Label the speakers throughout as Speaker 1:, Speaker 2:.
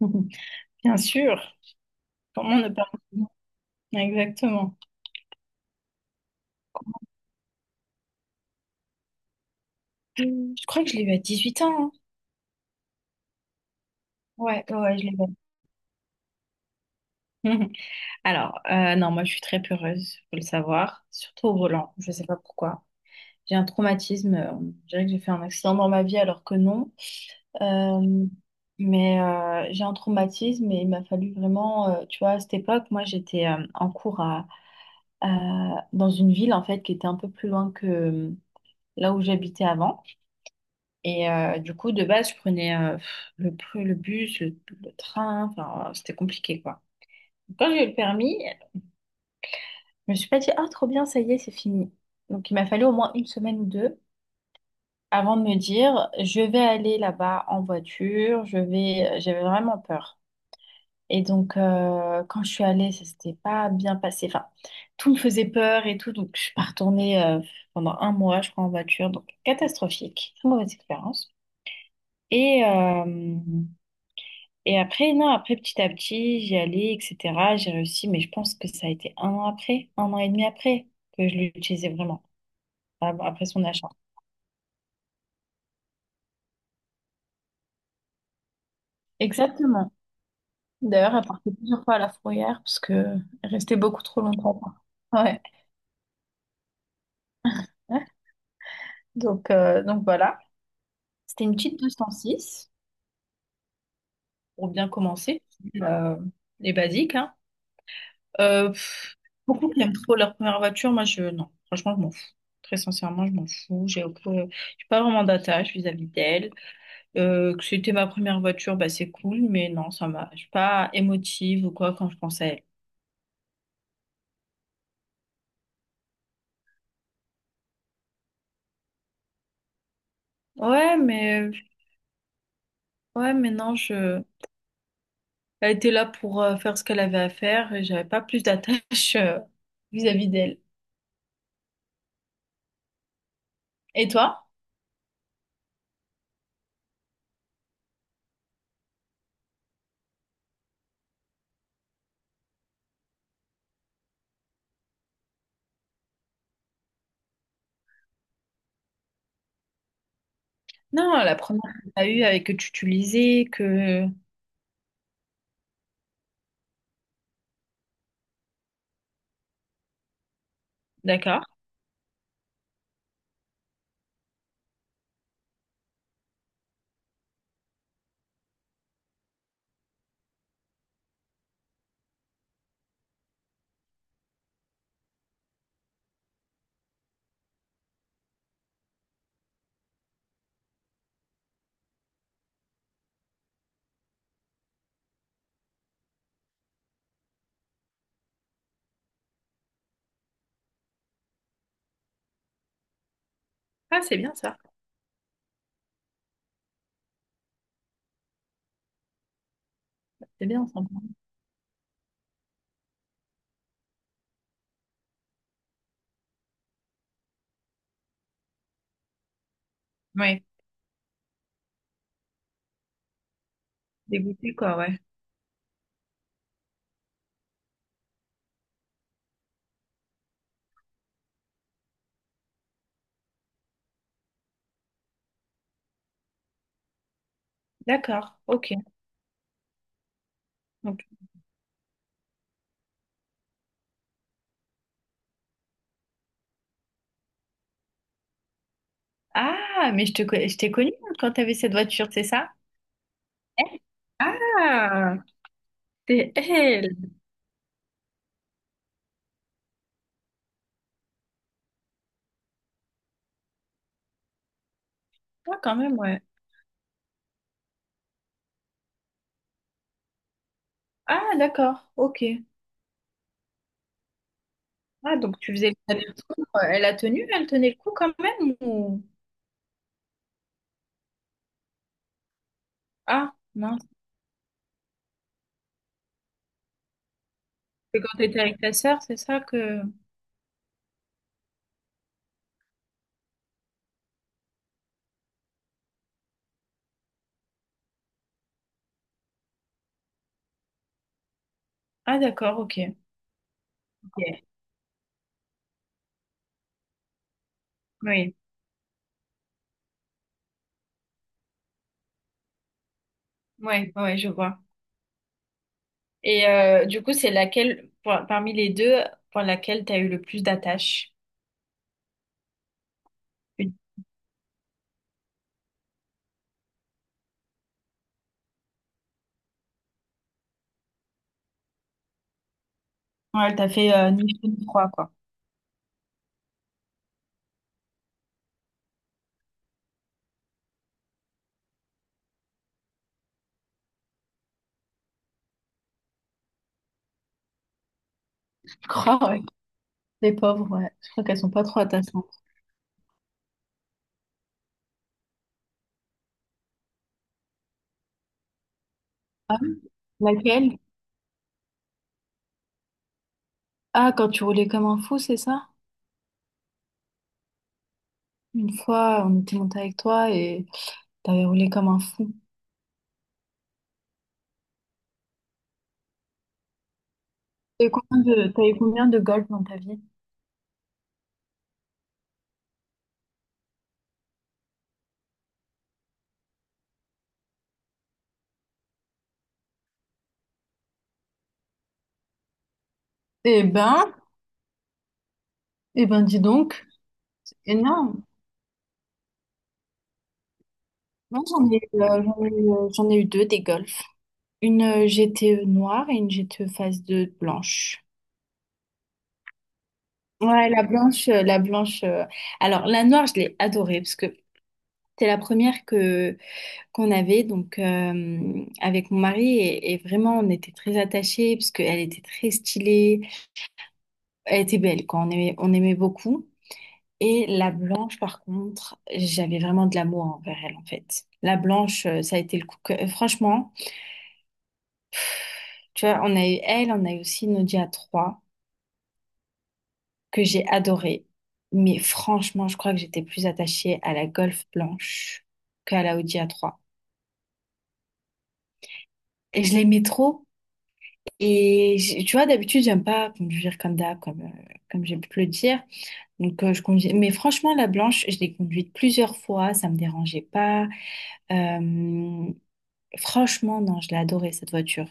Speaker 1: Bien sûr. Comment ne pas... Exactement. Je crois que je l'ai eu à 18 ans. Hein. Ouais, ouais, ouais, je l'ai eu. Alors, non, moi, je suis très peureuse, faut le savoir, surtout au volant. Je sais pas pourquoi. J'ai un traumatisme. Je dirais que j'ai fait un accident dans ma vie alors que non. Euh, mais j'ai un traumatisme et il m'a fallu vraiment, tu vois, à cette époque, moi, j'étais en cours dans une ville, en fait, qui était un peu plus loin que là où j'habitais avant. Et du coup, de base, je prenais le bus, le train, enfin, c'était compliqué, quoi. Quand j'ai eu le permis, je me suis pas dit, ah, trop bien, ça y est, c'est fini. Donc, il m'a fallu au moins une semaine ou deux avant de me dire, je vais aller là-bas en voiture. J'avais vraiment peur. Et donc, quand je suis allée, ça s'était pas bien passé. Enfin, tout me faisait peur et tout, donc je suis pas retournée pendant un mois, je crois, en voiture. Donc, catastrophique, très mauvaise expérience. Et... euh, Et après, non, après, petit à petit, j'y allais, etc. J'ai réussi, mais je pense que ça a été un an après, un an et demi après, que je l'utilisais vraiment, après son achat. Exactement. D'ailleurs, elle partait plusieurs fois à la fourrière parce que elle restait beaucoup trop longtemps. Ouais. Donc, voilà. C'était une petite 206 pour bien commencer. Euh, les basiques, hein. Euh, pff, Beaucoup qui aiment trop leur première voiture. Moi, non. Franchement, je m'en fous. Très sincèrement, je m'en fous. J'ai pas vraiment d'attache vis-à-vis d'elle. Que c'était ma première voiture, bah c'est cool, mais non, je suis pas émotive ou quoi quand je pense à elle. Ouais, mais ouais, mais non, elle était là pour faire ce qu'elle avait à faire et j'avais pas plus d'attache vis-à-vis d'elle. Et toi? Non, la première que t'as eue avec que tu utilisais, que d'accord. Ah, c'est bien ça, c'est bien sympa. Ouais, dégoûté quoi, ouais. D'accord, ok. Donc- Ah, mais je t'ai connue quand t'avais cette voiture, c'est ça? Eh, ah, c'est elle. Ah, quand même, ouais. Ah, d'accord, ok. Ah, donc tu faisais l'aller-retour. Elle a tenu, elle tenait le coup quand même ou... Ah, mince. C'est quand t'étais avec ta sœur, c'est ça que... Ah, d'accord, ok. Ok. Oui, ouais, ouais, ouais, je vois. Et du coup, c'est laquelle, parmi les deux, pour laquelle t'as eu le plus d'attache? Une. Ouais, elle t'a fait ni chaud ni froid, quoi. Je crois, ouais. Les pauvres, ouais. Je crois qu'elles sont pas trop attachantes. Ah, oui. Laquelle? Ah, quand tu roulais comme un fou, c'est ça? Une fois, on était monté avec toi et... T'as roulé comme un fou. T'as eu combien de golf dans ta vie? Eh ben, eh ben, dis donc. Énorme. Moi, j'en ai eu deux des golfs. Une GTE noire et une GTE phase 2 blanche. Ouais, la blanche. Alors, la noire, je l'ai adorée parce que c'était la première que qu'on avait donc avec mon mari et vraiment on était très attachés parce qu'elle était très stylée, elle était belle quoi. On aimait beaucoup. Et la blanche, par contre, j'avais vraiment de l'amour envers elle, en fait. La blanche, ça a été le coup. Franchement, tu vois, on a eu elle, on a eu aussi Nadia 3, que j'ai adorée. Mais franchement, je crois que j'étais plus attachée à la Golf blanche qu'à la Audi A3. Et je l'aimais trop. Tu vois, d'habitude, j'aime pas conduire comme d'hab, comme j'ai pu te le dire. Donc, je conduis. Mais franchement, la blanche, je l'ai conduite plusieurs fois, ça me dérangeait pas. Euh, Franchement, non, je l'ai adorée, cette voiture.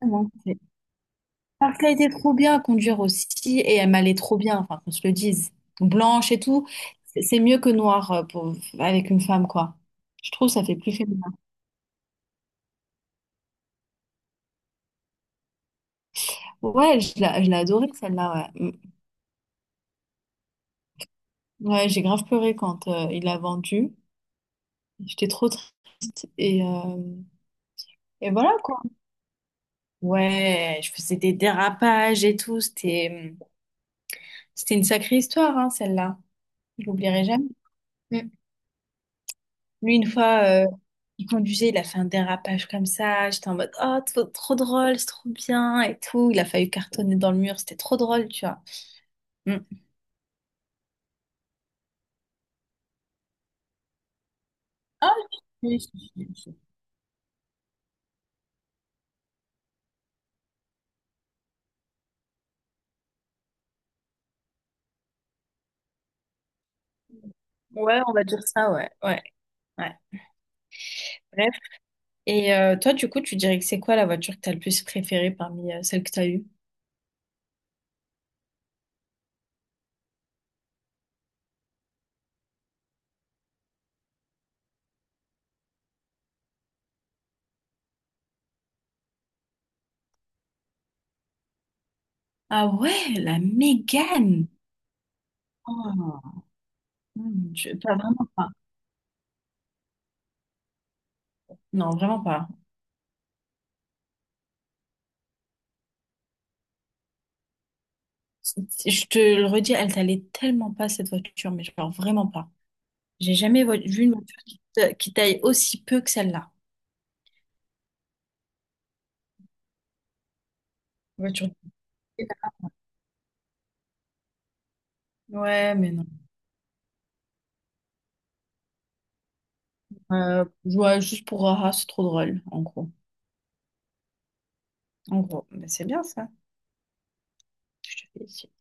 Speaker 1: Vraiment. Parce qu'elle était trop bien à conduire aussi et elle m'allait trop bien, enfin, qu'on se le dise. Blanche et tout, c'est mieux que noir avec une femme, quoi. Je trouve que ça fait plus féminin. Ouais, je l'ai adorée, celle-là, ouais. Mm. Ouais, j'ai grave pleuré quand il l'a vendue. J'étais trop triste et, euh, et voilà, quoi. Ouais, je faisais des dérapages et tout. C'était une sacrée histoire, hein, celle-là. Je l'oublierai jamais. Lui, une fois, il conduisait, il a fait un dérapage comme ça. J'étais en mode, oh, trop, trop drôle, c'est trop bien et tout. Il a failli cartonner dans le mur, c'était trop drôle, tu vois. Mm. Ah, oui, si, si, si. Ouais, on va dire ça, ouais, ouais, ouais. Bref. Et toi, du coup, tu dirais que c'est quoi la voiture que t'as le plus préférée parmi celles que t'as eues? Ah ouais, la Mégane! Oh, hmm, pas vraiment pas. Non, vraiment pas. C'est- Je te le redis, elle t'allait tellement pas cette voiture, mais genre vraiment pas. J'ai jamais vu une voiture qui taille aussi peu que celle-là. Voiture. Ouais, mais non. Ouais, juste pour Haha, c'est trop drôle, en gros. En gros, mais c'est bien ça. Je te félicite.